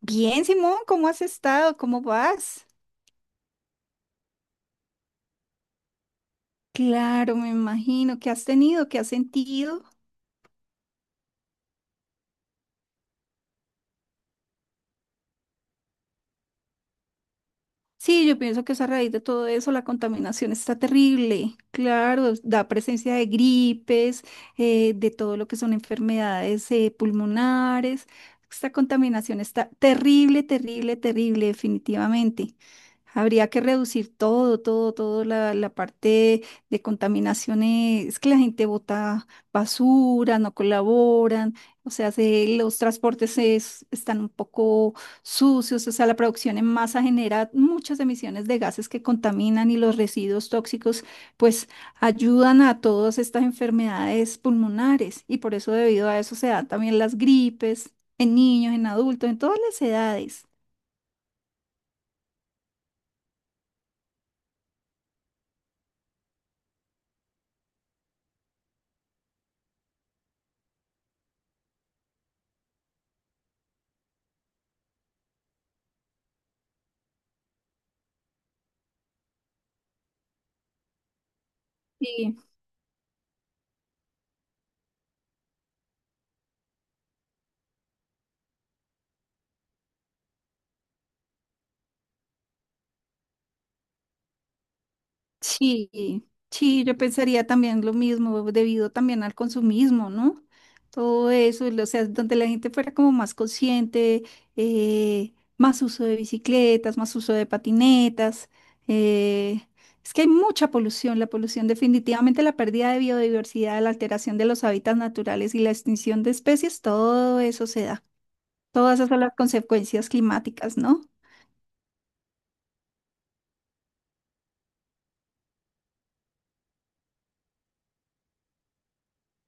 Bien, Simón, ¿cómo has estado? ¿Cómo vas? Claro, me imagino. ¿Qué has tenido? ¿Qué has sentido? Sí, yo pienso que es a raíz de todo eso la contaminación está terrible. Claro, da presencia de gripes, de todo lo que son enfermedades pulmonares. Esta contaminación está terrible, terrible, terrible, definitivamente. Habría que reducir todo, todo, todo la parte de contaminación. Es que la gente bota basura, no colaboran, o sea, los transportes están un poco sucios. O sea, la producción en masa genera muchas emisiones de gases que contaminan, y los residuos tóxicos pues ayudan a todas estas enfermedades pulmonares, y por eso, debido a eso, se dan también las gripes en niños, en adultos, en todas las edades. Sí. Sí, sí, yo pensaría también lo mismo, debido también al consumismo, ¿no? Todo eso, o sea, donde la gente fuera como más consciente, más uso de bicicletas, más uso de patinetas. eh, es que hay mucha polución, la polución definitivamente, la pérdida de biodiversidad, la alteración de los hábitats naturales y la extinción de especies, todo eso se da, todas esas son las consecuencias climáticas, ¿no?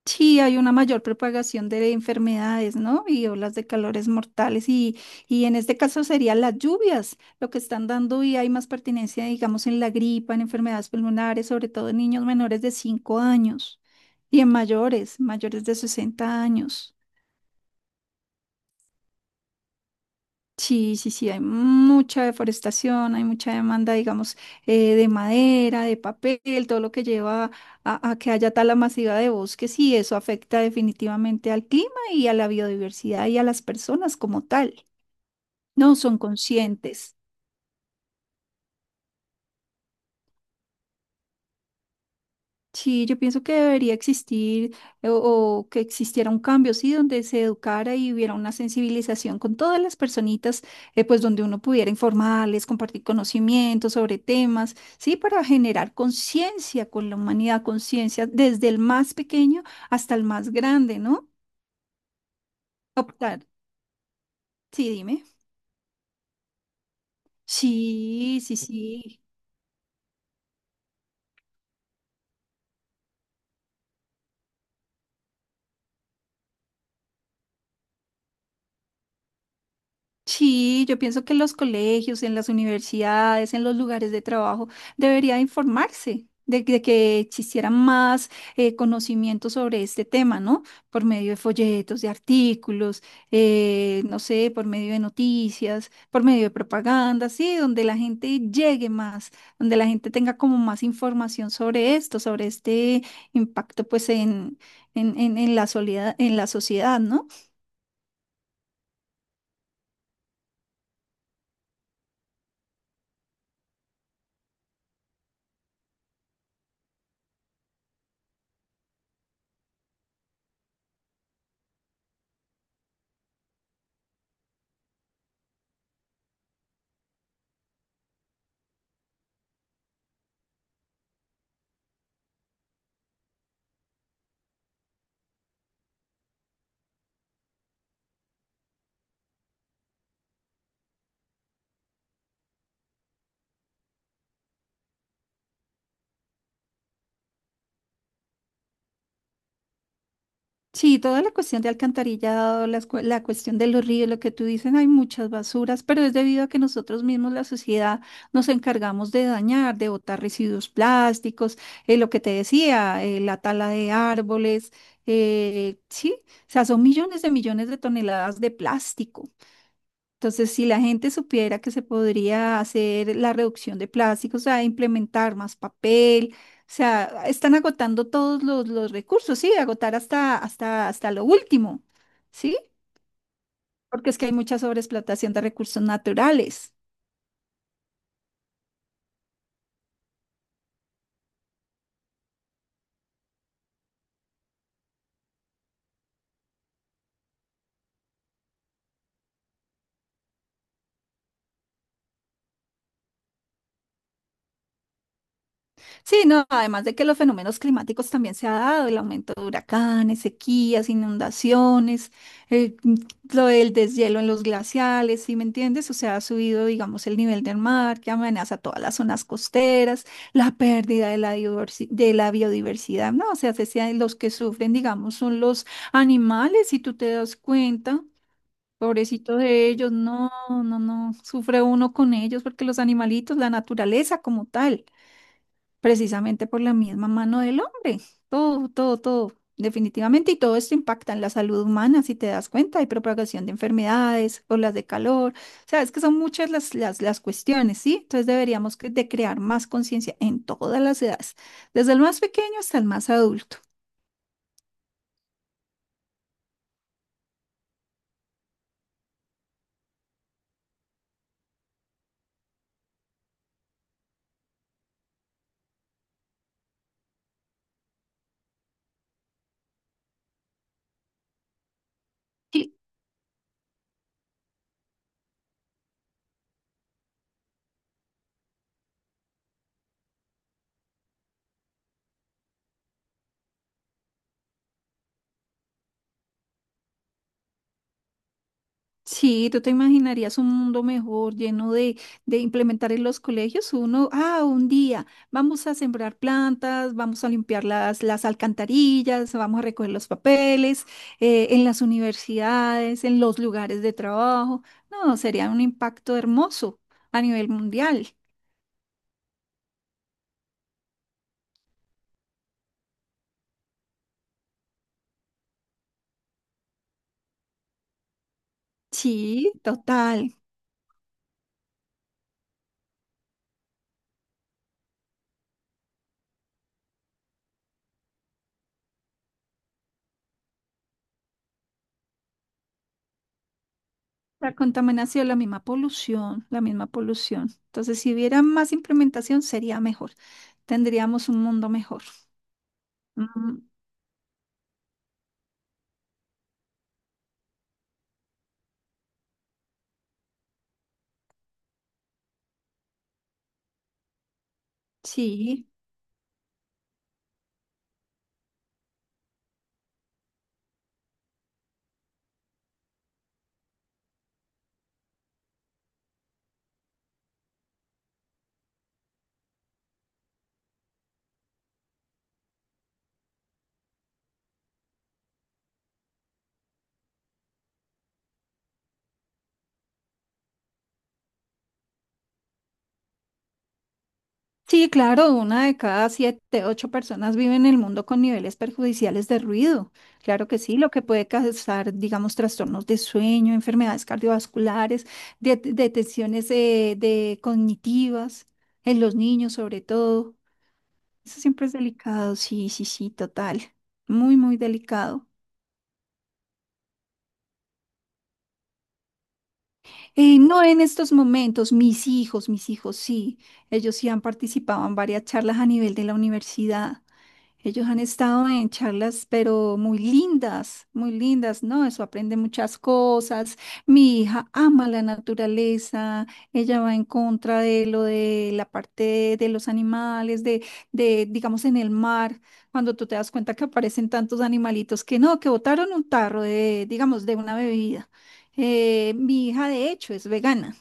Sí, hay una mayor propagación de enfermedades, ¿no? Y olas de calores mortales, y en este caso serían las lluvias lo que están dando, y hay más pertinencia, digamos, en la gripa, en enfermedades pulmonares, sobre todo en niños menores de 5 años y en mayores, mayores de 60 años. Sí, sí, sí, hay mucha deforestación, hay mucha demanda, digamos, de madera, de papel, todo lo que lleva a que haya tala masiva de bosques, y eso afecta definitivamente al clima y a la biodiversidad y a las personas como tal. No son conscientes. Sí, yo pienso que debería existir, o, que existiera un cambio, sí, donde se educara y hubiera una sensibilización con todas las personitas, pues donde uno pudiera informarles, compartir conocimientos sobre temas, sí, para generar conciencia con la humanidad, conciencia desde el más pequeño hasta el más grande, ¿no? Optar. Sí, dime. Sí, sí, sí. Sí, yo pienso que en los colegios, en las universidades, en los lugares de trabajo, debería informarse de que existiera más conocimiento sobre este tema, ¿no? Por medio de folletos, de artículos, no sé, por medio de noticias, por medio de propaganda, sí, donde la gente llegue más, donde la gente tenga como más información sobre esto, sobre este impacto, pues, en la en la sociedad, ¿no? Sí, toda la cuestión de alcantarillado, la cuestión de los ríos, lo que tú dices, hay muchas basuras, pero es debido a que nosotros mismos, la sociedad, nos encargamos de dañar, de botar residuos plásticos, lo que te decía, la tala de árboles, sí, o sea, son millones de toneladas de plástico. Entonces, si la gente supiera que se podría hacer la reducción de plásticos, o sea, implementar más papel, o sea, están agotando todos los recursos, sí, agotar hasta, hasta, hasta lo último, ¿sí? Porque es que hay mucha sobreexplotación de recursos naturales. Sí, no, además de que los fenómenos climáticos también se ha dado, el aumento de huracanes, sequías, inundaciones, eh, lo del deshielo en los glaciales, ¿sí me entiendes? O sea, ha subido, digamos, el nivel del mar que amenaza todas las zonas costeras, la pérdida de la biodiversidad, ¿no? O sea, los que sufren, digamos, son los animales, si tú te das cuenta. Pobrecito de ellos, no, no, no, sufre uno con ellos porque los animalitos, la naturaleza como tal, precisamente por la misma mano del hombre. Todo, todo, todo, definitivamente. Y todo esto impacta en la salud humana, si te das cuenta. Hay propagación de enfermedades, olas de calor. O sea, es que son muchas las cuestiones, ¿sí? Entonces deberíamos que- de crear más conciencia en todas las edades, desde el más pequeño hasta el más adulto. Sí, sí, tú te imaginarías un mundo mejor, lleno de implementar en los colegios uno, ah, un día vamos a sembrar plantas, vamos a limpiar las alcantarillas, vamos a recoger los papeles, en las universidades, en los lugares de trabajo. No, sería un impacto hermoso a nivel mundial. Sí, total. La contaminación, la misma polución, la misma polución. Entonces, si hubiera más implementación, sería mejor. Tendríamos un mundo mejor. Mm. Sí, sí, claro, una de cada siete, ocho personas vive en el mundo con niveles perjudiciales de ruido. Claro que sí, lo que puede causar, digamos, trastornos de sueño, enfermedades cardiovasculares, detenciones de cognitivas en los niños sobre todo. Eso siempre es delicado, sí, sí, sí, total. Muy, muy delicado. No en estos momentos, mis hijos sí, ellos sí han participado en varias charlas a nivel de la universidad. Ellos han estado en charlas, pero muy lindas, ¿no? Eso aprende muchas cosas. Mi hija ama la naturaleza, ella va en contra de lo de la parte de los animales, de, digamos, en el mar, cuando tú te das cuenta que aparecen tantos animalitos que no, que botaron un tarro de, digamos, de una bebida. Mi hija, de hecho, es vegana.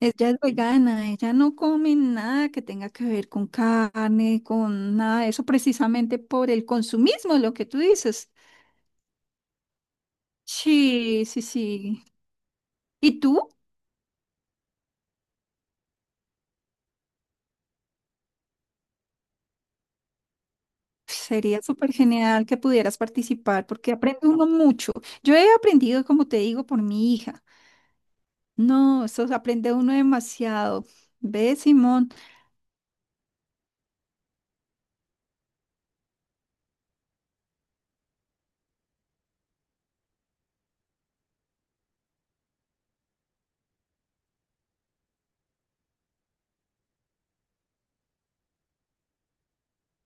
Ella es vegana, ella no come nada que tenga que ver con carne, con nada de eso, precisamente por el consumismo, lo que tú dices. Sí, sí, sí. ¿Y tú? Sería súper genial que pudieras participar porque aprende uno mucho. Yo he aprendido, como te digo, por mi hija. No, eso se aprende uno demasiado. ¿Ve, Simón?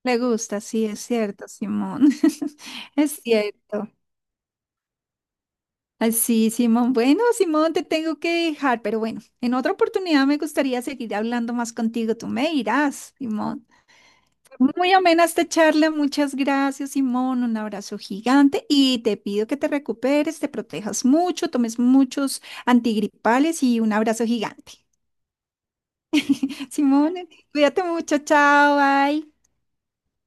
Le gusta, sí, es cierto, Simón. Es cierto. Ay, sí, Simón. Bueno, Simón, te tengo que dejar, pero bueno, en otra oportunidad me gustaría seguir hablando más contigo. Tú me irás, Simón. Muy amena esta charla. Muchas gracias, Simón. Un abrazo gigante y te pido que te recuperes, te protejas mucho, tomes muchos antigripales y un abrazo gigante. Simón, cuídate mucho. Chao, bye.